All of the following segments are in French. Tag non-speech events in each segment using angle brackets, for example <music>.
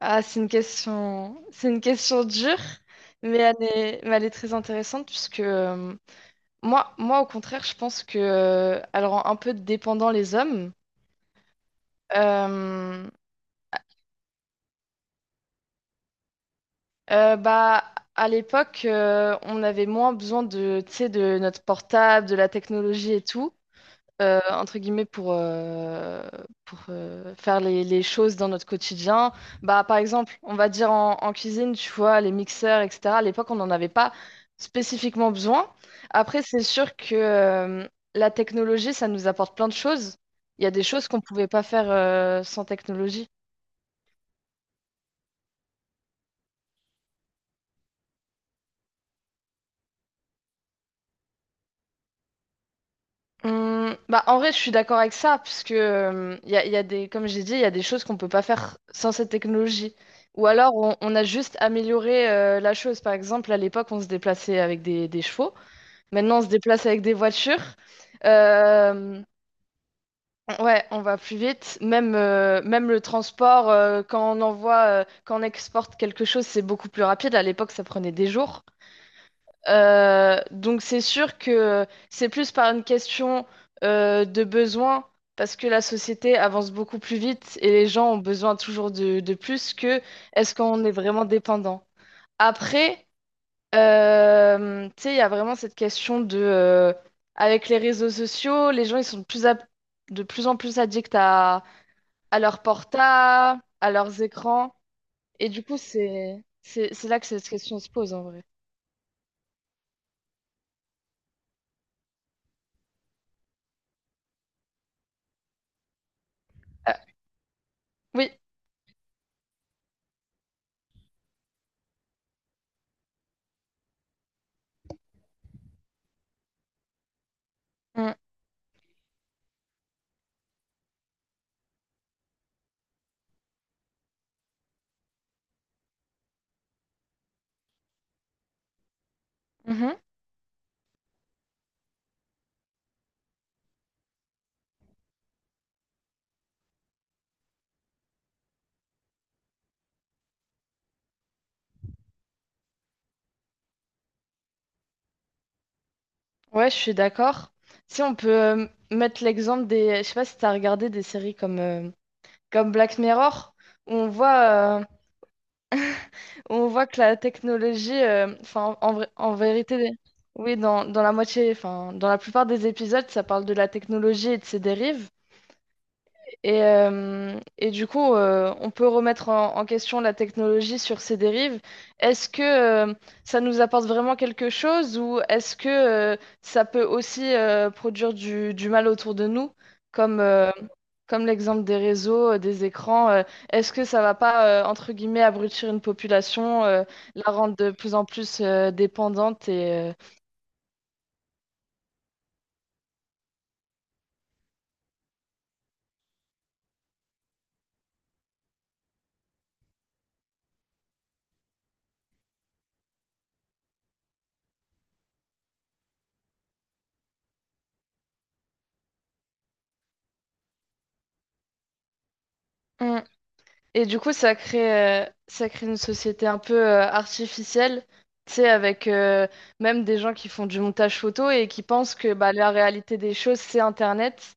Ah, c'est une question dure, mais elle est très intéressante puisque moi, au contraire, je pense que elle rend un peu dépendant les hommes. Euh, euh, bah, à l'époque, on avait moins besoin de, tu sais, de notre portable, de la technologie et tout. Entre guillemets pour, faire les choses dans notre quotidien. Bah, par exemple, on va dire en cuisine, tu vois, les mixeurs, etc. À l'époque, on n'en avait pas spécifiquement besoin. Après, c'est sûr que la technologie, ça nous apporte plein de choses. Il y a des choses qu'on ne pouvait pas faire sans technologie. Bah, en vrai, je suis d'accord avec ça, parce que y a des, comme j'ai dit, il y a des choses qu'on peut pas faire sans cette technologie. Ou alors, on a juste amélioré la chose. Par exemple, à l'époque, on se déplaçait avec des chevaux. Maintenant, on se déplace avec des voitures. Euh, ouais, on va plus vite. Même le transport, quand on exporte quelque chose, c'est beaucoup plus rapide. À l'époque, ça prenait des jours. Donc c'est sûr que c'est plus par une question de besoin, parce que la société avance beaucoup plus vite et les gens ont besoin toujours de plus que est-ce qu'on est vraiment dépendant. Après, tu sais, il y a vraiment cette question de, avec les réseaux sociaux, les gens ils sont de plus en plus addicts à leur portable, à leurs écrans, et du coup c'est là que cette question se pose en vrai. Ah, oui. Mm. Ouais, je suis d'accord. Si on peut mettre l'exemple des, je sais pas si t'as regardé des séries comme Black Mirror, où on voit où on voit que la technologie, en vérité, oui, dans la moitié, enfin dans la plupart des épisodes, ça parle de la technologie et de ses dérives, et du coup, on peut remettre en question la technologie sur ses dérives. Est-ce que euh, ça nous apporte vraiment quelque chose ou est-ce que ça peut aussi produire du mal autour de nous, comme, euh, comme l'exemple des réseaux, des écrans? Est-ce que ça va pas, entre guillemets, abrutir une population, la rendre de plus en plus dépendante et, euh. Et du coup, ça crée une société un peu artificielle, tu sais, avec même des gens qui font du montage photo et qui pensent que bah, la réalité des choses, c'est Internet.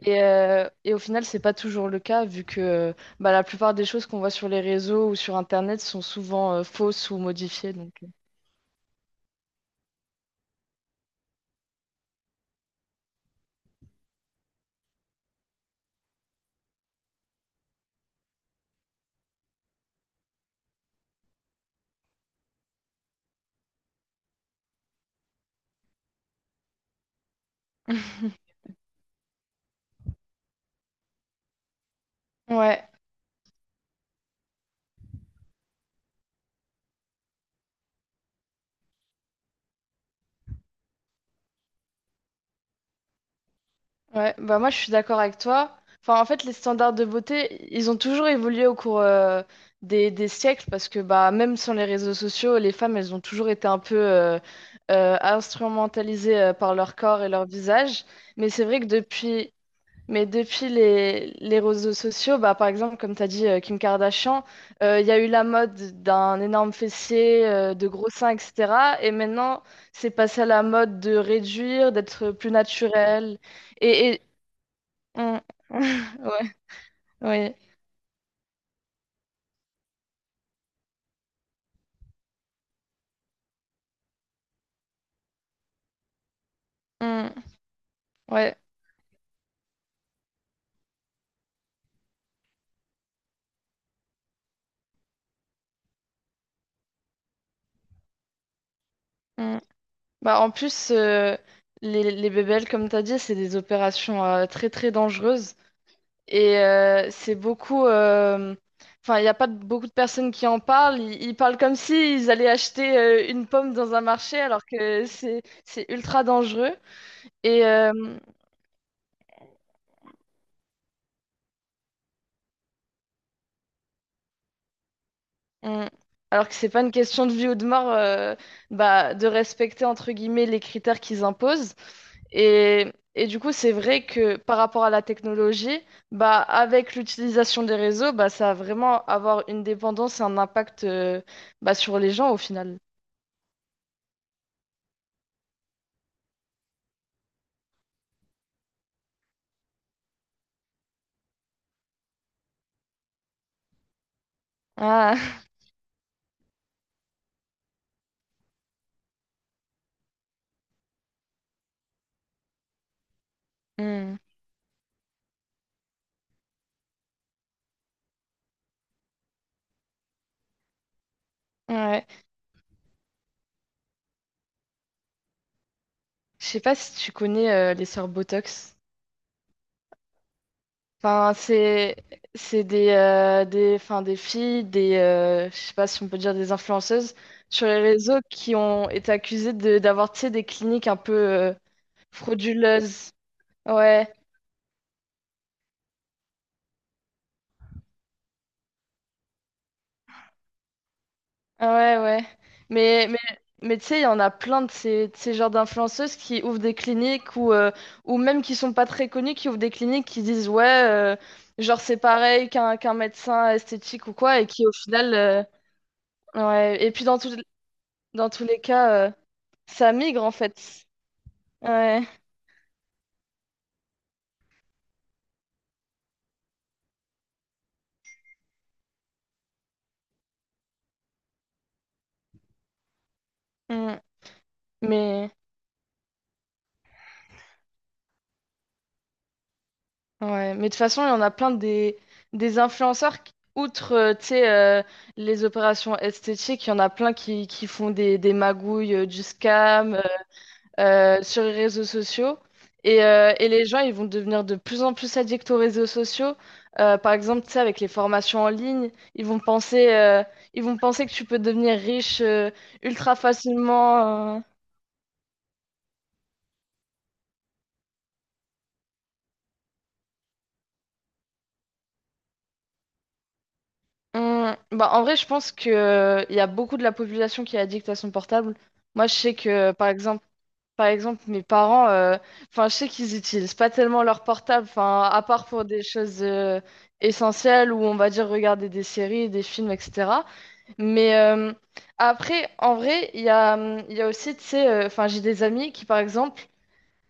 Et au final, c'est pas toujours le cas, vu que bah, la plupart des choses qu'on voit sur les réseaux ou sur Internet sont souvent fausses ou modifiées. Donc euh. <laughs> Ouais. Ouais, bah moi je suis d'accord avec toi. Enfin, en fait, les standards de beauté, ils ont toujours évolué au cours des siècles parce que bah même sans les réseaux sociaux, les femmes, elles ont toujours été un peu instrumentalisées par leur corps et leur visage. Mais c'est vrai que depuis, mais depuis les réseaux sociaux, bah par exemple, comme tu as dit, Kim Kardashian, il y a eu la mode d'un énorme fessier, de gros seins, etc. Et maintenant, c'est passé à la mode de réduire, d'être plus naturel. Et, mm. <laughs> Ouais, ouais. Mm. Ouais. Mm. Bah, en plus, les BBL, comme tu as dit, c'est des opérations très très dangereuses. Et c'est beaucoup. Enfin, il n'y a pas de- beaucoup de personnes qui en parlent. Ils parlent comme s'ils allaient acheter une pomme dans un marché, alors que c'est ultra dangereux. Et, euh, Mm. Alors que c'est pas une question de vie ou de mort, bah, de respecter entre guillemets les critères qu'ils imposent. Et du coup, c'est vrai que par rapport à la technologie, bah, avec l'utilisation des réseaux, bah, ça va vraiment avoir une dépendance et un impact bah, sur les gens au final. Ah, <laughs> hmm, ouais. Je sais pas si tu connais les sœurs Botox. Enfin, c'est des des filles, des je sais pas si on peut dire des influenceuses sur les réseaux qui ont été accusées de d'avoir tu sais, des cliniques un peu frauduleuses. Ouais, ah ouais, ouais. Mais mais mais tu sais, il y en a plein de ces genres d'influenceuses qui ouvrent des cliniques ou même qui sont pas très connues, qui ouvrent des cliniques qui disent ouais, genre c'est pareil qu'un qu'un médecin esthétique ou quoi et qui au final euh. Ouais, et puis dans tout- Dans tous les cas, ça migre en fait. Ouais. Mm. Mais ouais. Mais de toute façon, il y en a plein des influenceurs, qui- outre tu sais, les opérations esthétiques, il y en a plein qui font des magouilles, du scam sur les réseaux sociaux. Et les gens, ils vont devenir de plus en plus addicts aux réseaux sociaux. Par exemple, tu sais, avec les formations en ligne, ils vont penser que tu peux devenir riche ultra facilement. Bah, en vrai, je pense que, il y a beaucoup de la population qui est addict à son portable. Moi, je sais que, par exemple, mes parents, enfin, je sais qu'ils utilisent pas tellement leur portable, enfin, à part pour des choses essentielles ou on va dire regarder des séries, des films, etc. Mais après, en vrai, il y a aussi, tu sais, enfin, j'ai des amis qui, par exemple,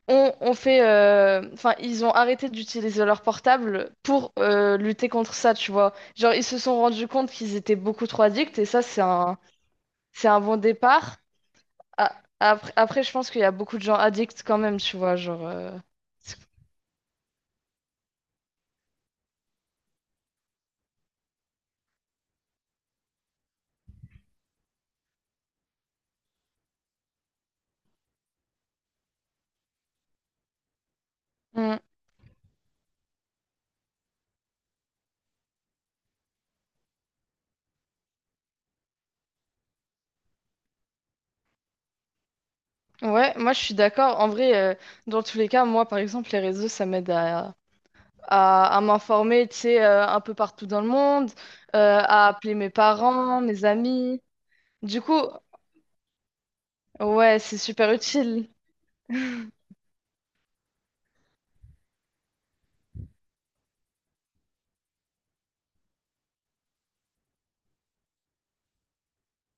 ont fait, enfin, ils ont arrêté d'utiliser leur portable pour lutter contre ça, tu vois. Genre, ils se sont rendus compte qu'ils étaient beaucoup trop addicts c'est un bon départ. Après, je pense qu'il y a beaucoup de gens addicts quand même, tu vois, genre c'est Mm. Ouais, moi, je suis d'accord. En vrai, dans tous les cas, moi, par exemple, les réseaux, ça m'aide à. À, à m'informer, tu sais, un peu partout dans le monde, à appeler mes parents, mes amis. Du coup, ouais, c'est super utile.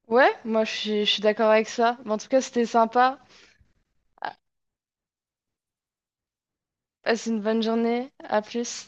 Ouais, je suis d'accord avec ça. Mais en tout cas, c'était sympa. Ah, passe une bonne journée. À plus.